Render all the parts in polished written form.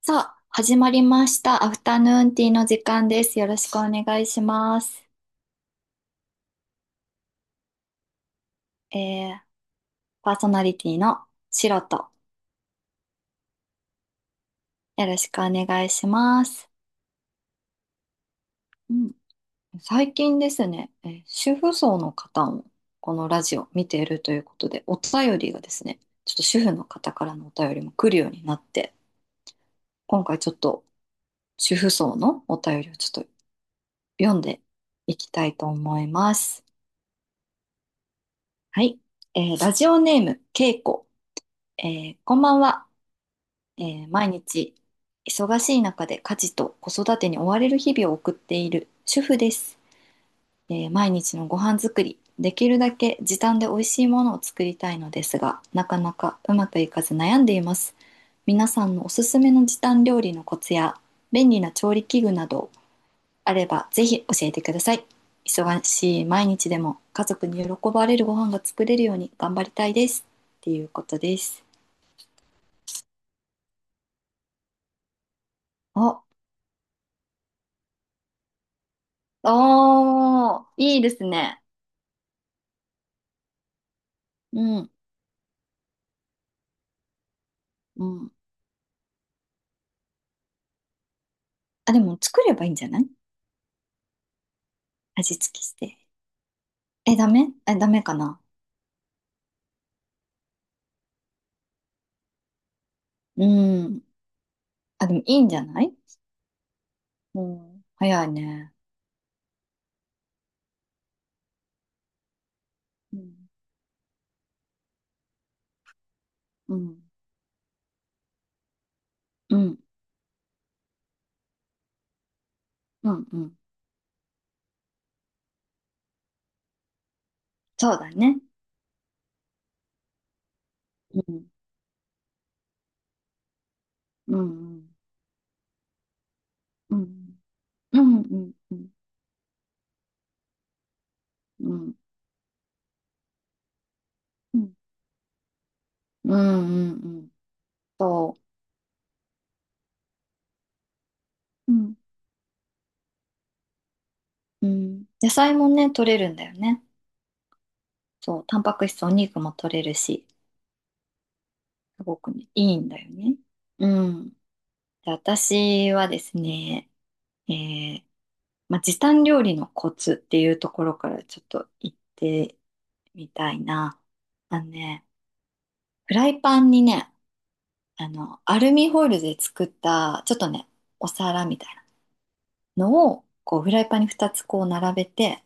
さあ、始まりました。アフタヌーンティーの時間です。よろしくお願いします。えー、パーソナリティのシロと、よろしくお願いします。うん、最近ですね、主婦層の方もこのラジオ見ているということで、お便りがですね、ちょっと主婦の方からのお便りも来るようになって、今回ちょっと主婦層のお便りをちょっと読んでいきたいと思います。はい。ラジオネーム、けいこ。えこんばんは。毎日忙しい中で家事と子育てに追われる日々を送っている主婦です。毎日のご飯作り、できるだけ時短で美味しいものを作りたいのですが、なかなかうまくいかず悩んでいます。皆さんのおすすめの時短料理のコツや便利な調理器具などあればぜひ教えてください。忙しい毎日でも家族に喜ばれるご飯が作れるように頑張りたいです。っていうことです。お、おー、いいですね。うん、うん。あ、でも作ればいいんじゃない？味付けして。え、ダメえ、ダメかな？うん。あ、でもいいんじゃない？うん。早いね。うん、うん、うん、うん、うん。そうだね。うん、うん、うん、うん、うん、うん、うん、うん、うん、うん、うんそう。うん、うんうんうんうんうんうんうんうんうんそううんうん野菜もね、取れるんだよね。そう、タンパク質、お肉も取れるし、すごくね、いいんだよね。うん。で私はですね、えーまあ、時短料理のコツっていうところからちょっと言ってみたいな。あのね、フライパンにね、あの、アルミホイルで作った、ちょっとね、お皿みたいなのを、こう、フライパンに2つこう並べて、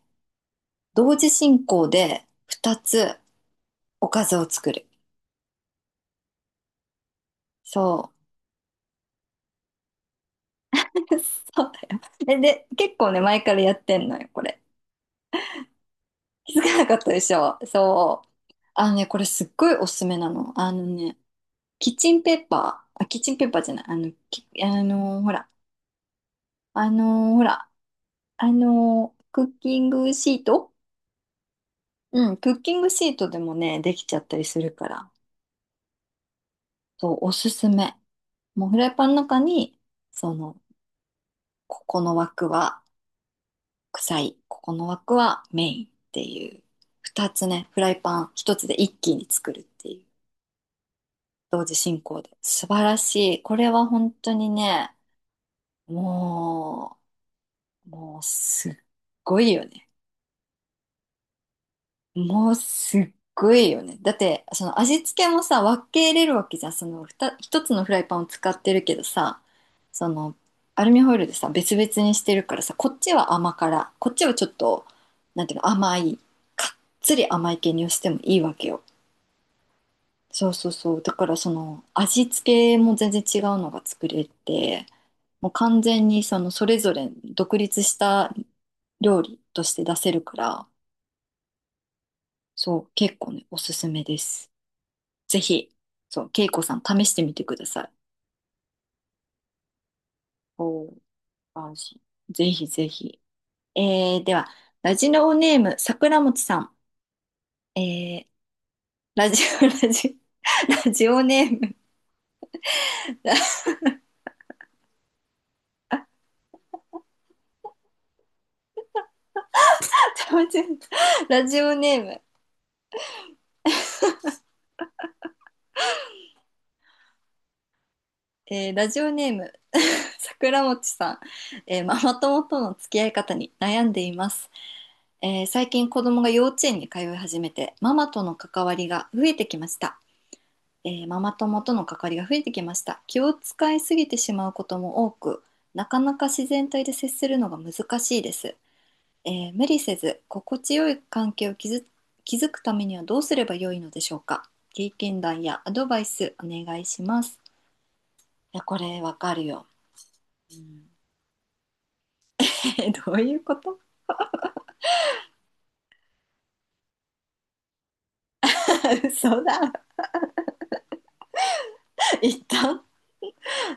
同時進行で2つおかずを作る。そう。そうだよ。で、結構ね、前からやってんのよ、これ。気づかなかったでしょ。そう。あのね、これすっごいおすすめなの。あのね、キッチンペーパー、あ、キッチンペーパーじゃない、あの、きあのーほら、あのほら、クッキングシート。うん、クッキングシートでもね、できちゃったりするから、そう、おすすめ。もうフライパンの中に、その、ここの枠は臭い、ここの枠はメインっていう、二つね、フライパン一つで一気に作るっていう、同時進行で。素晴らしい。これは本当にね、ももうすっごいよね。もうすっごいよね。だって、その味付けもさ、分けれるわけじゃん。そのふた一つのフライパンを使ってるけどさ、その、アルミホイルでさ、別々にしてるからさ、こっちは甘辛、こっちはちょっと、なんていうの、甘い、かっつり甘い系にしてもいいわけよ。そうそうそう。だからその、味付けも全然違うのが作れて、もう完全にその、それぞれ独立した料理として出せるから、そう、結構ね、おすすめです。ぜひ、そう、恵子さん試してみてください。おー、安心。ぜひぜひ。では、ラジオネーム、桜餅さん。えー、ラジオ、ラジオネーム。間違えた。ラジオネーム、桜餅さん、ママ友との付き合い方に悩んでいます。最近子供が幼稚園に通い始めて、ママとの関わりが増えてきました。ママ友との関わりが増えてきました。気を使いすぎてしまうことも多く、なかなか自然体で接するのが難しいです。無理せず心地よい関係を築くためにはどうすればよいのでしょうか？経験談やアドバイスお願いします。いやこれわかるよ、うん。どういうこと？ 嘘だ。 一旦、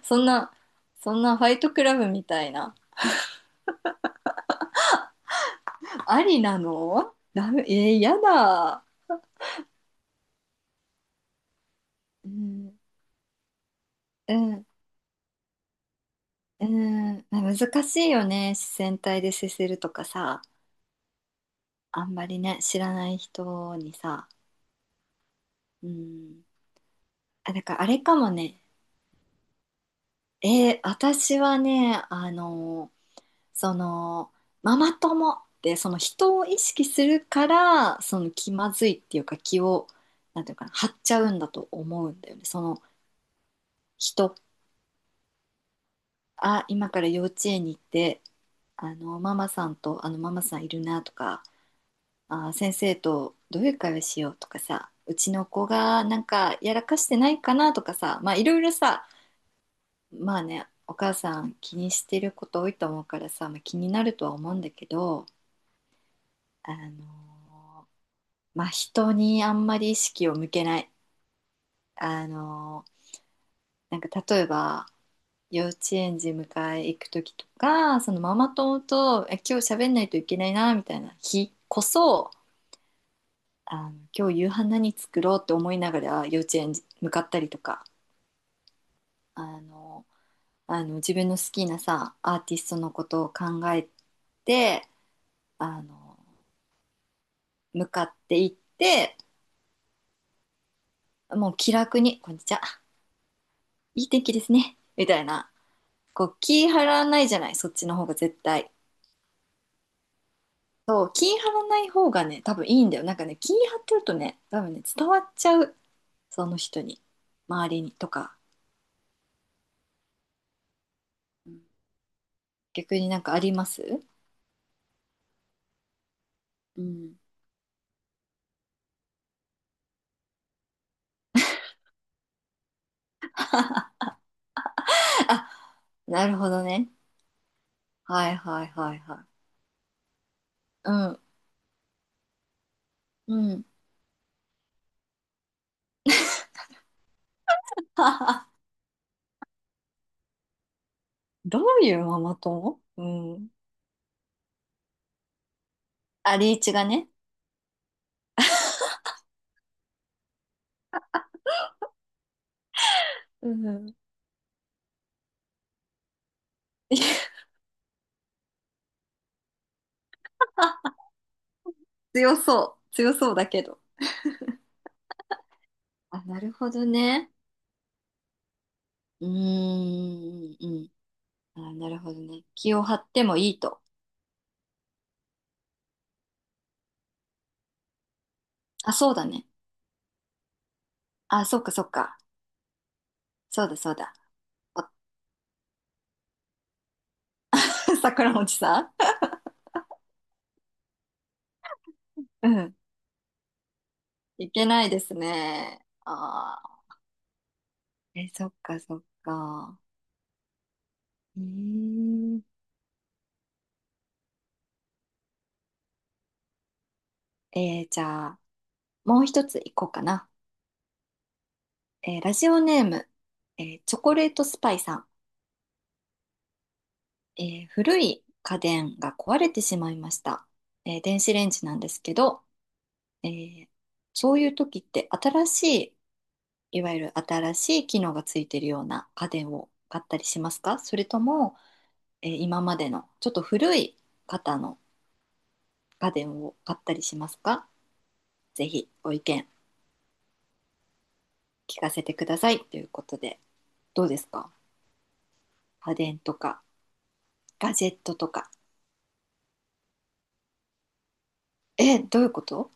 そんなそんなファイトクラブみたいな、ありなの？ダメ、やだ。うん、うん。うーん、難しいよね。自然体で接するとかさ、あんまりね、知らない人にさ。うん。あ、だからあれかもね。私はね、あの、その、ママ友ってその人を意識するから、その気まずいっていうか気を、なんていうかな、張っちゃうんだと思うんだよね。その人、あ、今から幼稚園に行って、あの、ママさんと、あの、ママさんいるなとか、あー先生とどういう会話しようとかさ、うちの子がなんかやらかしてないかなとかさ、まあいろいろさ、まあね、お母さん気にしてること多いと思うからさ、まあ、気になるとは思うんだけど、あのーまあ人にあんまり意識を向けない。あのーなんか例えば、幼稚園児迎え行く時とか、そのママ友と、今日喋んないといけないな、みたいな日こそ、今日夕飯何作ろうって思いながら幼稚園向かったりとか、あの自分の好きなさアーティストのことを考えて、あの向かっていって、もう気楽に「こんにちは、いい天気ですね」みたいな、こう気張らないじゃない？そっちの方が絶対。そう、気張らない方がね多分いいんだよ。なんかね、気張ってるとね多分ね伝わっちゃう、その人に、周りにとか。うん。逆になんかあります？うん、あ、なるほどね。はいはいはいはい。うん。うん。どういうママ友？うん。あ、リーチがね。うん。強そう。強そうだけど。あ、なるほどね。うーん、うん。あ、なるほどね。気を張ってもいいと。あ、そうだね。あ、そっかそっか。そうだそうだ。あ 桜餅さん。うん。いけないですね。ああ。え、そっかそっか。うーん、じゃあ。もう一ついこうかな。ラジオネーム、チョコレートスパイさん。古い家電が壊れてしまいました。電子レンジなんですけど、えーそういう時って新しい、いわゆる新しい機能がついてるような家電を買ったりしますか？それとも、今までのちょっと古い方の家電を買ったりしますか？ぜひご意見聞かせてくださいということで、どうですか？家電とかガジェットとか。え、どういうこと？